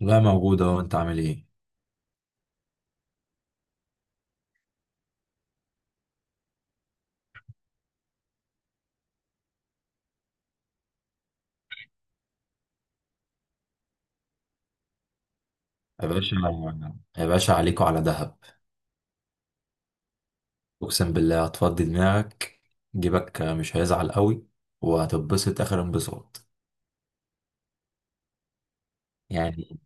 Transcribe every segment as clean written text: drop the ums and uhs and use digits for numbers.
لا، موجودة. وانت عامل ايه؟ يا باشا، يا باشا، عليكوا على دهب. اقسم بالله هتفضي دماغك. جيبك مش هيزعل قوي. وهتتبسط اخر انبساط. يعني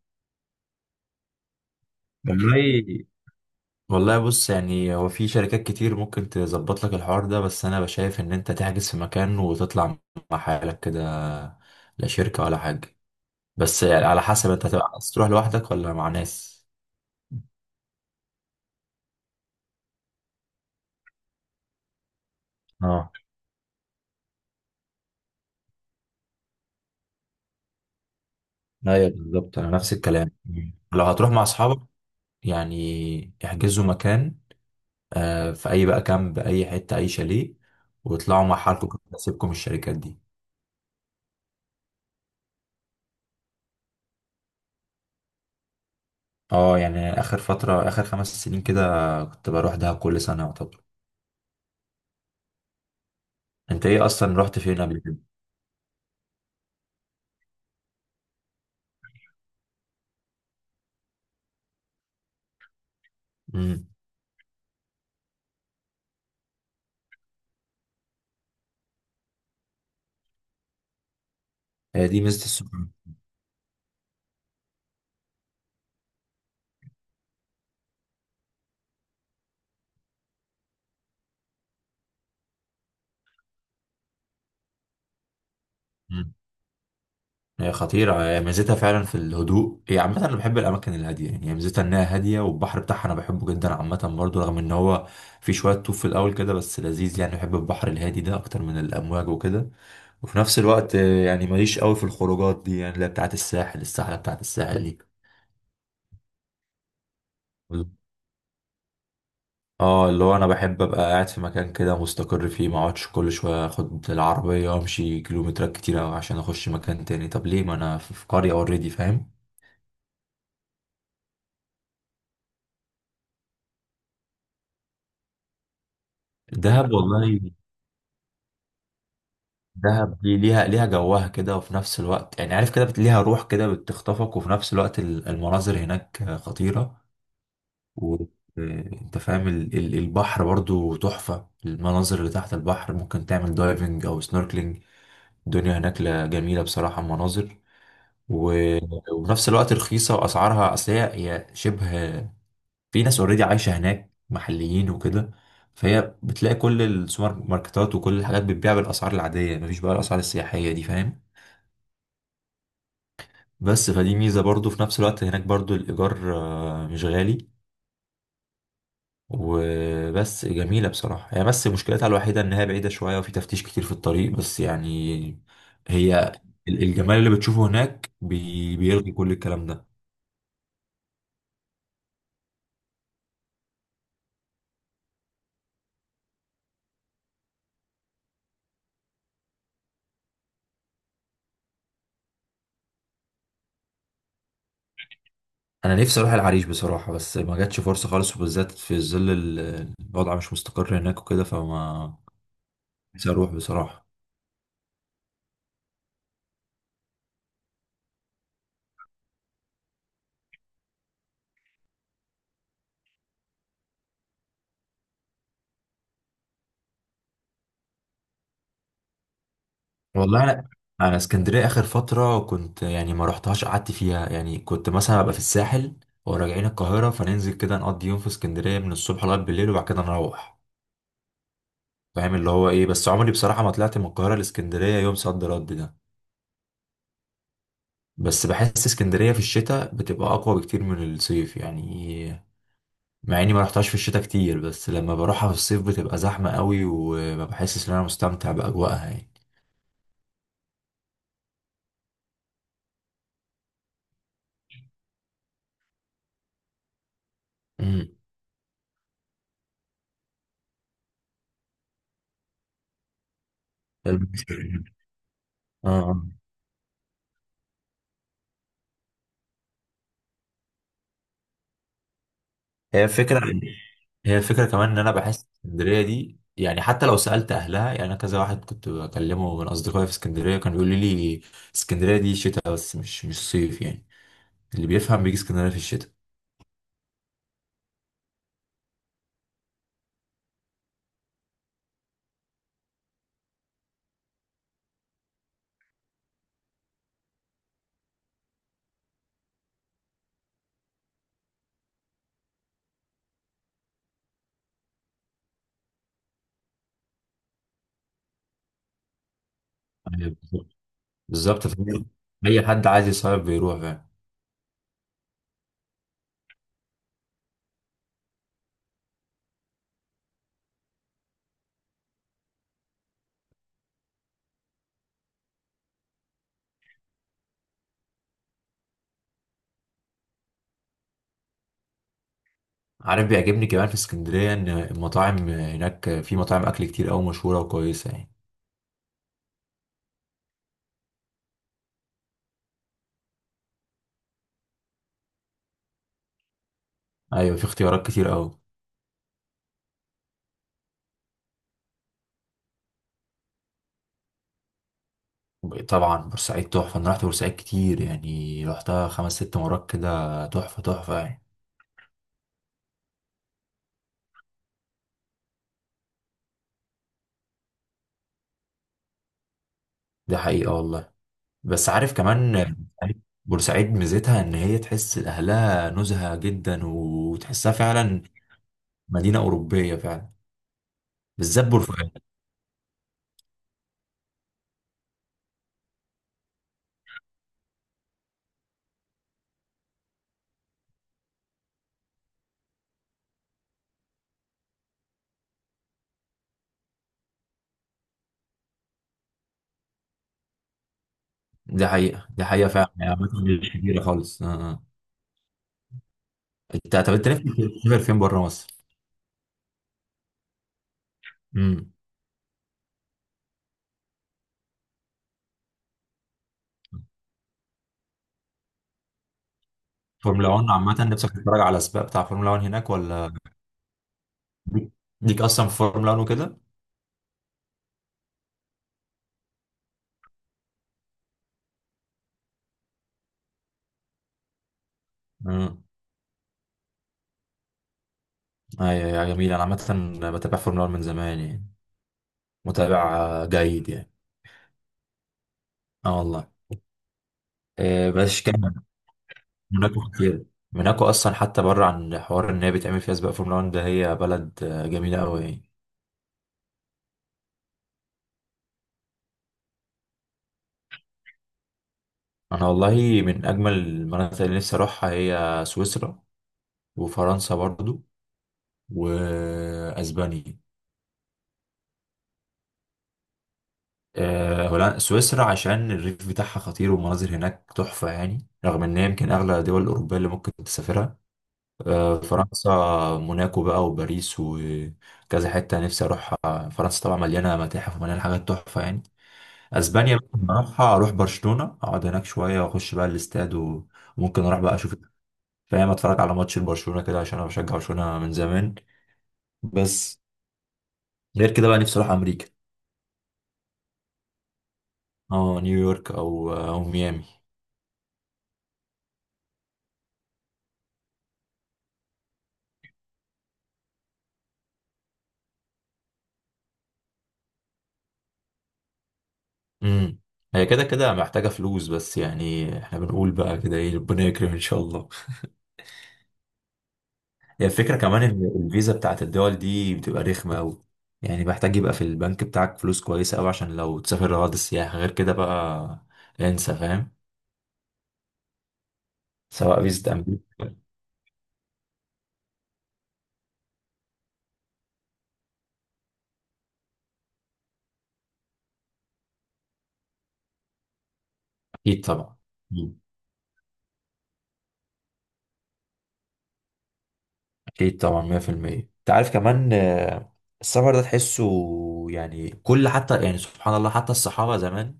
والله والله، بص، يعني هو في شركات كتير ممكن تظبط لك الحوار ده، بس انا بشايف ان انت تحجز في مكان وتطلع مع حالك كده. لا شركة ولا حاجة. بس يعني على حسب، انت هتبقى عايز تروح لوحدك ولا مع ناس؟ اه، ايوه بالظبط، انا نفس الكلام. لو هتروح مع اصحابك يعني احجزوا مكان. في اي بقى كامب، اي حته، اي شاليه، واطلعوا مع حالكم. كنت هسيبكم الشركات دي. اه، يعني اخر فتره، اخر 5 سنين كده كنت بروح دهب كل سنه يعتبر. انت ايه اصلا؟ رحت فين قبل كده؟ امم. هي دي ميزه السفر. هي خطيرة، هي ميزتها فعلا في الهدوء. هي عامة أنا بحب الأماكن الهادية، يعني هي ميزتها إنها هادية، والبحر بتاعها أنا بحبه جدا عامة برضو، رغم إن هو في شوية طوف في الأول كده، بس لذيذ يعني. بحب البحر الهادي ده أكتر من الأمواج وكده. وفي نفس الوقت يعني ماليش قوي في الخروجات دي، يعني اللي هي بتاعت الساحل الساحلة بتاعت الساحل دي. اه، اللي هو انا بحب ابقى قاعد في مكان كده مستقر فيه، ما اقعدش كل شويه اخد العربيه وامشي كيلومترات كتيره عشان اخش مكان تاني. طب ليه؟ ما انا في قريه اوريدي، فاهم. دهب والله. دهب دي ليها جوها كده، وفي نفس الوقت يعني عارف كده، ليها روح كده بتخطفك. وفي نفس الوقت المناظر هناك خطيرة. وانت فاهم، البحر برضو تحفة. المناظر اللي تحت البحر ممكن تعمل دايفنج او سنوركلينج. الدنيا هناك جميلة بصراحة، مناظر. و- وفي نفس الوقت رخيصة، واسعارها اصل هي شبه، في ناس اوريدي عايشة هناك محليين وكده، فهي بتلاقي كل السوبر ماركتات وكل الحاجات بتبيع بالاسعار العادية، مفيش بقى الاسعار السياحية دي، فاهم. بس فدي ميزة برضو. في نفس الوقت هناك برضو الإيجار مش غالي، وبس جميلة بصراحة هي. بس مشكلتها الوحيدة إن هي بعيدة شوية، وفي تفتيش كتير في الطريق، بس يعني هي الجمال اللي بتشوفه هناك بيلغي كل الكلام ده. أنا نفسي أروح العريش بصراحة، بس ما جاتش فرصة خالص، وبالذات في ظل الوضع مش مستقر هناك وكده، فما، نفسي أروح بصراحة. والله انا اسكندريه اخر فتره كنت يعني ما رحتهاش، قعدت فيها يعني. كنت مثلا ابقى في الساحل وراجعين القاهره، فننزل كده نقضي يوم في اسكندريه من الصبح لغايه بالليل، وبعد كده نروح، فاهم اللي هو ايه. بس عمري بصراحه ما طلعت من القاهره لاسكندريه يوم صد رد ده. بس بحس اسكندريه في الشتاء بتبقى اقوى بكتير من الصيف يعني. مع اني ما رحتهاش في الشتاء كتير، بس لما بروحها في الصيف بتبقى زحمه قوي، وما بحسش ان انا مستمتع باجواءها يعني. امم. اه. آه. هي الفكرة هي الفكرة كمان ان انا بحس اسكندرية دي، يعني حتى لو سألت اهلها، يعني انا كذا واحد كنت بكلمه من اصدقائي في اسكندرية كان بيقول لي اسكندرية دي شتاء بس، مش صيف يعني. اللي بيفهم بيجي اسكندرية في الشتاء. أيوة بالظبط. بالظبط، فاهم؟ اي حد عايز يصيف بيروح، فاهم. عارف، بيعجبني كمان في اسكندرية ان المطاعم هناك، في مطاعم اكل كتير قوي مشهورة وكويسة يعني. ايوه، في اختيارات كتير قوي. طبعا بورسعيد تحفة. انا رحت بورسعيد كتير، يعني رحتها خمس ست مرات كده، تحفة تحفة يعني. دي حقيقة والله. بس عارف كمان، عارف بورسعيد ميزتها ان هي تحس اهلها نزهة جدا، وتحسها فعلا مدينة أوروبية فعلا، بالذات بورسعيد. دي حقيقة فعلا يعني. أماكن مش كبيرة خالص. آه. آه. انت، طب انت نفسك تسافر فين بره مصر؟ امم. فورمولا 1 عامة، نفسك تتفرج على السباق بتاع فورمولا 1 هناك؟ ولا ليك أصلا في فورمولا 1 وكده؟ امم. ايوه يا جميل، أنا عامة بتابع فورمولا 1 من زمان يعني، متابع جيد يعني. اه والله. بس كمل. موناكو خطيرة. موناكو أصلا، حتى بره عن حوار إن هي بتعمل فيها سباق فورمولا 1 ده، هي بلد جميلة أوي يعني. أنا والله، من أجمل المناطق اللي نفسي أروحها هي سويسرا، وفرنسا برضو، وأسبانيا. سويسرا عشان الريف بتاعها خطير، والمناظر هناك تحفة يعني، رغم إن هي يمكن أغلى الدول الأوروبية اللي ممكن تسافرها. فرنسا، موناكو بقى وباريس وكذا حتة نفسي أروحها. فرنسا طبعا مليانة متاحف ومليانة حاجات تحفة يعني. اسبانيا ممكن اروحها، اروح برشلونه اقعد هناك شويه واخش بقى الاستاد، وممكن اروح بقى اشوف، فاهم، اتفرج على ماتش برشلونه كده، عشان انا بشجع برشلونه من زمان. بس غير كده بقى نفسي اروح امريكا. اه، نيويورك او او ميامي. امم. هي كده كده محتاجه فلوس، بس يعني احنا بنقول بقى كده ايه، ربنا يكرم ان شاء الله. هي الفكره كمان ان الفيزا بتاعت الدول دي بتبقى رخمه قوي، يعني محتاج يبقى في البنك بتاعك فلوس كويسه قوي عشان لو تسافر غرض السياحه. غير كده بقى، انسى، فاهم. سواء فيزا أمريكا. أكيد طبعا. مم. أكيد طبعا 100%. أنت عارف كمان، السفر ده تحسه، يعني كل، حتى يعني سبحان الله، حتى الصحابة زمان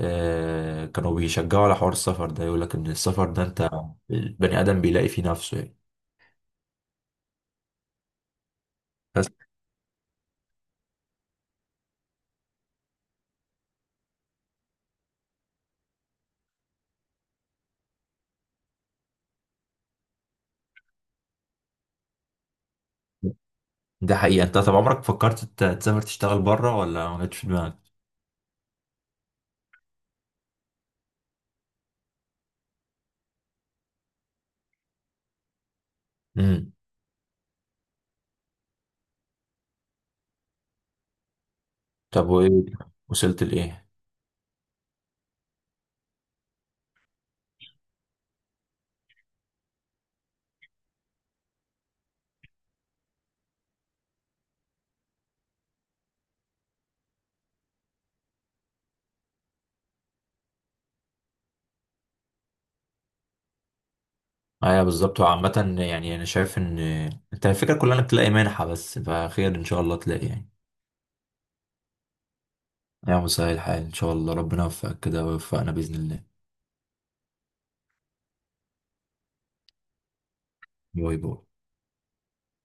كانوا بيشجعوا على حوار السفر ده، يقول لك إن السفر ده، أنت البني آدم بيلاقي فيه نفسه يعني. بس ده حقيقة. أنت طب عمرك فكرت تسافر تشتغل بره ولا ما جاتش في دماغك؟ امم. طب وإيه، وصلت لإيه؟ ايوه بالظبط. وعامة يعني انا شايف ان انت الفكرة كلها انك تلاقي منحة، بس فخير ان شاء الله تلاقي يعني. يا مساء الحال، ان شاء الله ربنا يوفقك كده، ويوفقنا باذن الله. باي باي.